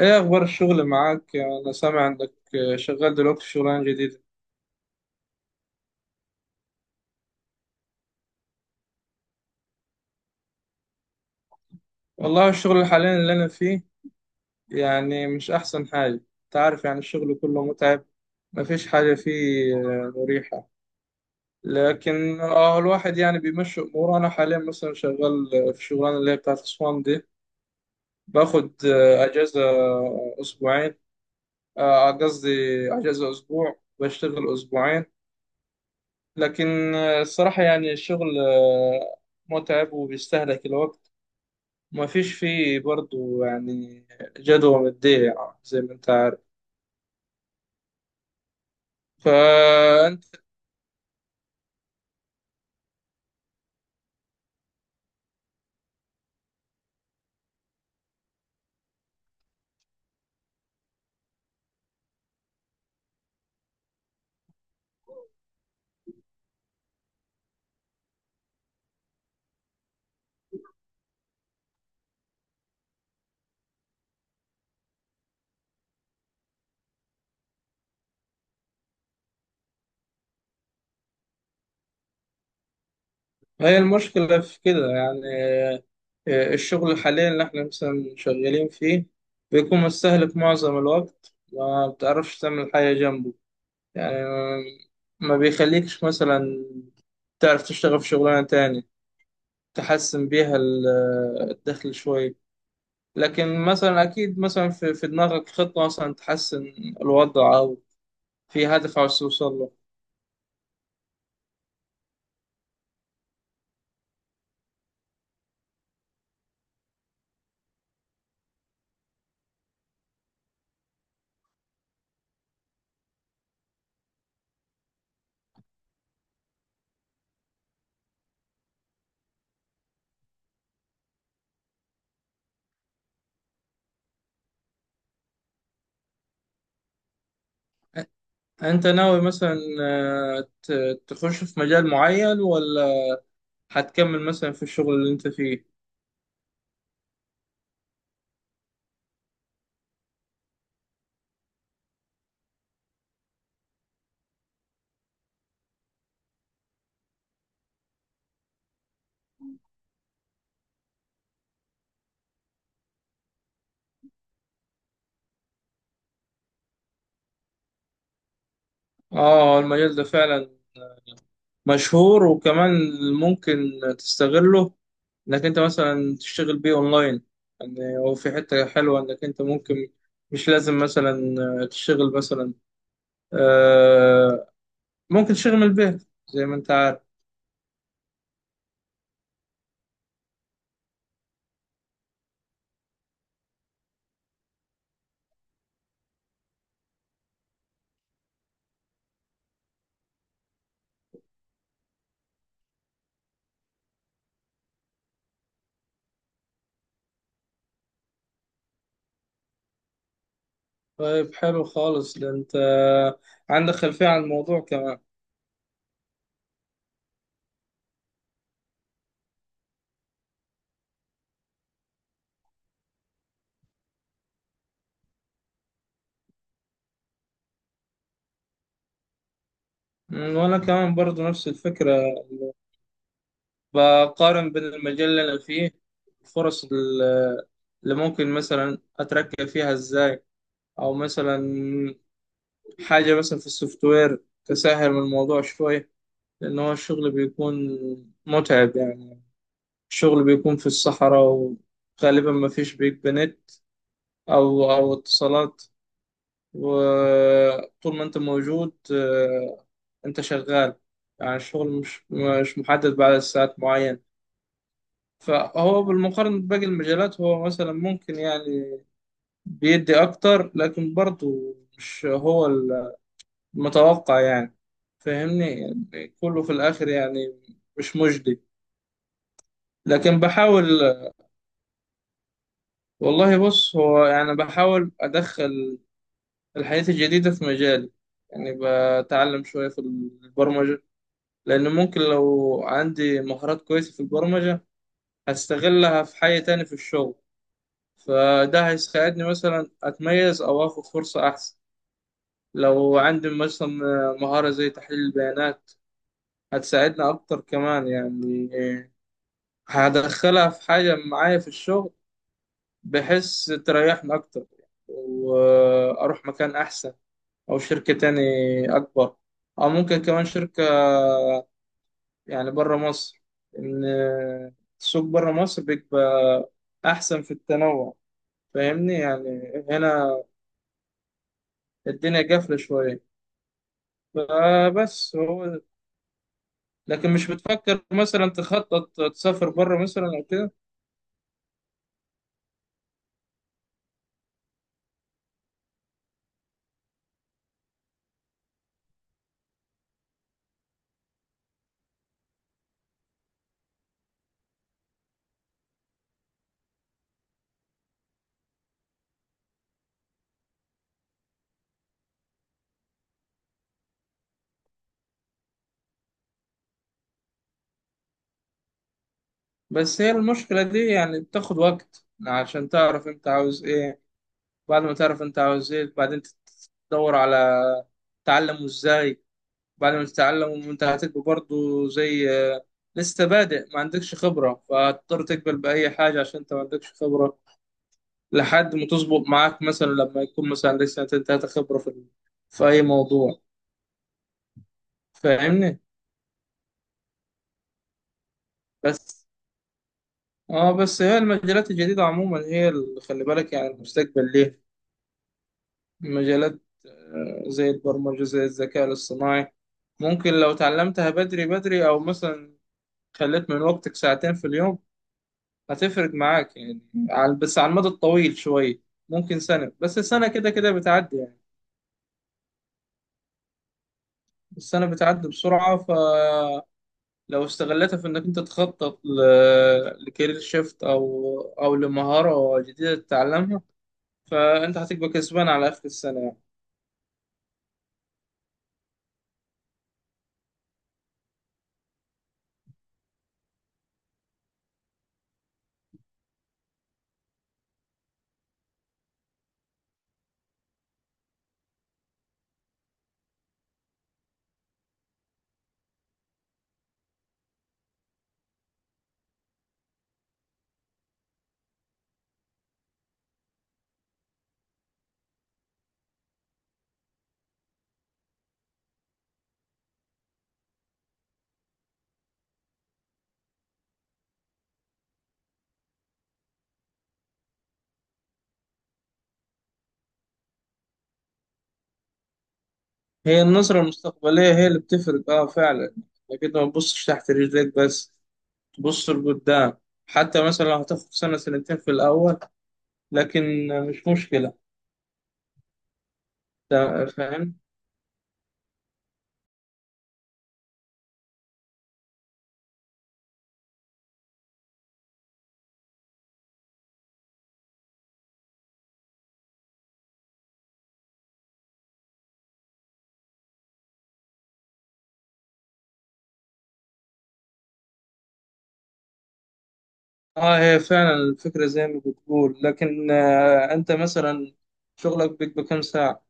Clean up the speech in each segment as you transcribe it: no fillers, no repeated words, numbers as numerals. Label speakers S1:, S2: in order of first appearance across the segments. S1: ايه اخبار الشغل معاك؟ انا سامع انك شغال دلوقتي في شغلانه جديده. والله الشغل حاليا اللي انا فيه يعني مش احسن حاجه، انت عارف، يعني الشغل كله متعب، مفيش حاجه فيه مريحه. لكن الواحد يعني بيمشي اموره. انا حاليا مثلا شغال في الشغلانه اللي هي بتاعت اسوان دي. باخد اجازه اسبوعين، قصدي اجازه اسبوع بشتغل اسبوعين. لكن الصراحه يعني الشغل متعب وبيستهلك الوقت. ما فيش فيه برضو يعني جدوى مادية، يعني زي ما انت عارف. فانت. هي المشكلة في كده يعني. الشغل حاليا اللي احنا مثلا شغالين فيه بيكون مستهلك معظم الوقت، ما بتعرفش تعمل حاجة جنبه، يعني ما بيخليكش مثلا تعرف تشتغل في شغلانة تاني تحسن بيها الدخل شوية. لكن مثلا أكيد مثلا في دماغك خطة مثلا تحسن الوضع، أو في هدف عاوز توصل له. انت ناوي مثلا تخش في مجال معين، ولا هتكمل مثلا في الشغل اللي انت فيه؟ اه، المجال ده فعلا مشهور، وكمان ممكن تستغله، انك انت مثلا تشتغل بيه اونلاين. يعني هو في حتة حلوة، انك انت ممكن مش لازم مثلا تشتغل مثلا، آه، ممكن تشتغل من البيت، زي ما انت عارف. طيب، حلو خالص، ده انت عندك خلفية عن الموضوع كمان. وأنا كمان برضو نفس الفكرة، بقارن بين المجال اللي أنا فيه، فرص اللي ممكن مثلا أترقى فيها إزاي، أو مثلا حاجة مثلا في السوفت وير تسهل من الموضوع شوية. لأن هو الشغل بيكون متعب يعني، الشغل بيكون في الصحراء، وغالبا ما فيش بيك نت أو اتصالات، وطول ما أنت موجود أنت شغال، يعني الشغل مش محدد بعد ساعات معينة. فهو بالمقارنة بباقي المجالات، هو مثلا ممكن يعني بيدي أكتر، لكن برضه مش هو المتوقع يعني، فاهمني؟ يعني كله في الآخر يعني مش مجدي، لكن بحاول. والله بص، هو يعني بحاول أدخل الحياة الجديدة في مجالي. يعني بتعلم شوية في البرمجة، لأن ممكن لو عندي مهارات كويسة في البرمجة هستغلها في حاجة تاني في الشغل، فده هيساعدني مثلا أتميز أو آخد فرصة أحسن. لو عندي مثلا مهارة زي تحليل البيانات هتساعدني أكتر كمان يعني، هدخلها في حاجة معايا في الشغل، بحيث تريحني أكتر وأروح مكان أحسن، أو شركة تاني أكبر، أو ممكن كمان شركة يعني برا مصر، إن السوق برا مصر بيبقى أحسن في التنوع. فاهمني؟ يعني هنا الدنيا قافلة شوية، فبس هو. لكن مش بتفكر مثلا تخطط تسافر بره مثلا او كده؟ بس هي المشكلة دي يعني بتاخد وقت عشان تعرف انت عاوز ايه. بعد ما تعرف انت عاوز ايه، بعدين تدور على تعلمه ازاي. بعد ما تتعلم انت هتبقى برضه زي لسه بادئ ما عندكش خبرة، فهتضطر تقبل بأي حاجة عشان انت ما عندكش خبرة، لحد ما تظبط معاك، مثلا لما يكون مثلا لسه انت خبرة في أي موضوع، فاهمني؟ بس اه بس هي المجالات الجديدة عموما هي اللي خلي بالك يعني، المستقبل ليه مجالات، زي البرمجة، زي الذكاء الاصطناعي. ممكن لو اتعلمتها بدري بدري، أو مثلا خليت من وقتك ساعتين في اليوم، هتفرق معاك يعني، بس على المدى الطويل شوية، ممكن سنة، بس السنة كده كده بتعدي يعني. السنة بتعدي بسرعة، فلو استغلتها في إنك أنت تخطط لكارير شيفت، أو لمهارة جديدة تتعلمها، فانت هتبقى كسبان على اخر السنه يعني. هي النظره المستقبليه هي اللي بتفرق، اه، فعلا، لكن ما تبصش تحت رجليك بس، تبص لقدام، حتى مثلا لو هتاخد سنه سنتين في الاول، لكن مش مشكله. فاهم؟ اه، هي فعلا الفكره زي ما بتقول، لكن انت مثلا شغلك بيبقى كام ساعه؟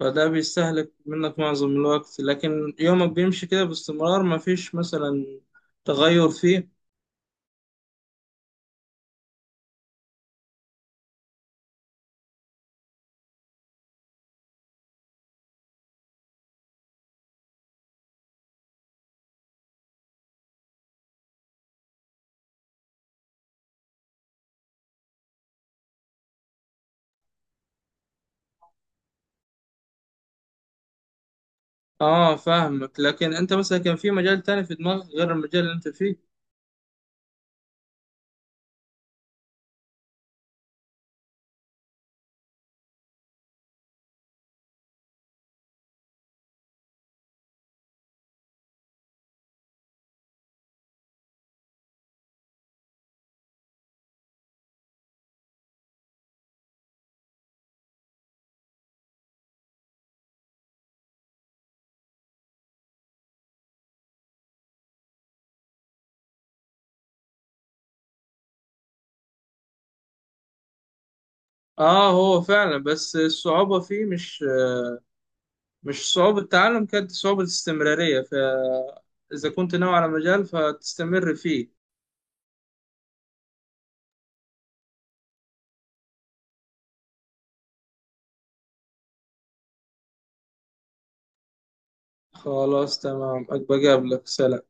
S1: فده بيستهلك منك معظم الوقت، لكن يومك بيمشي كده باستمرار، مفيش مثلا تغير فيه. اه، فاهمك، لكن انت مثلا كان في مجال تاني في دماغك غير المجال اللي انت فيه؟ اه، هو فعلا، بس الصعوبة فيه مش صعوبة تعلم، كانت صعوبة استمرارية، فإذا كنت ناوي على مجال فتستمر فيه. خلاص، تمام. أبقى أقابلك. سلام.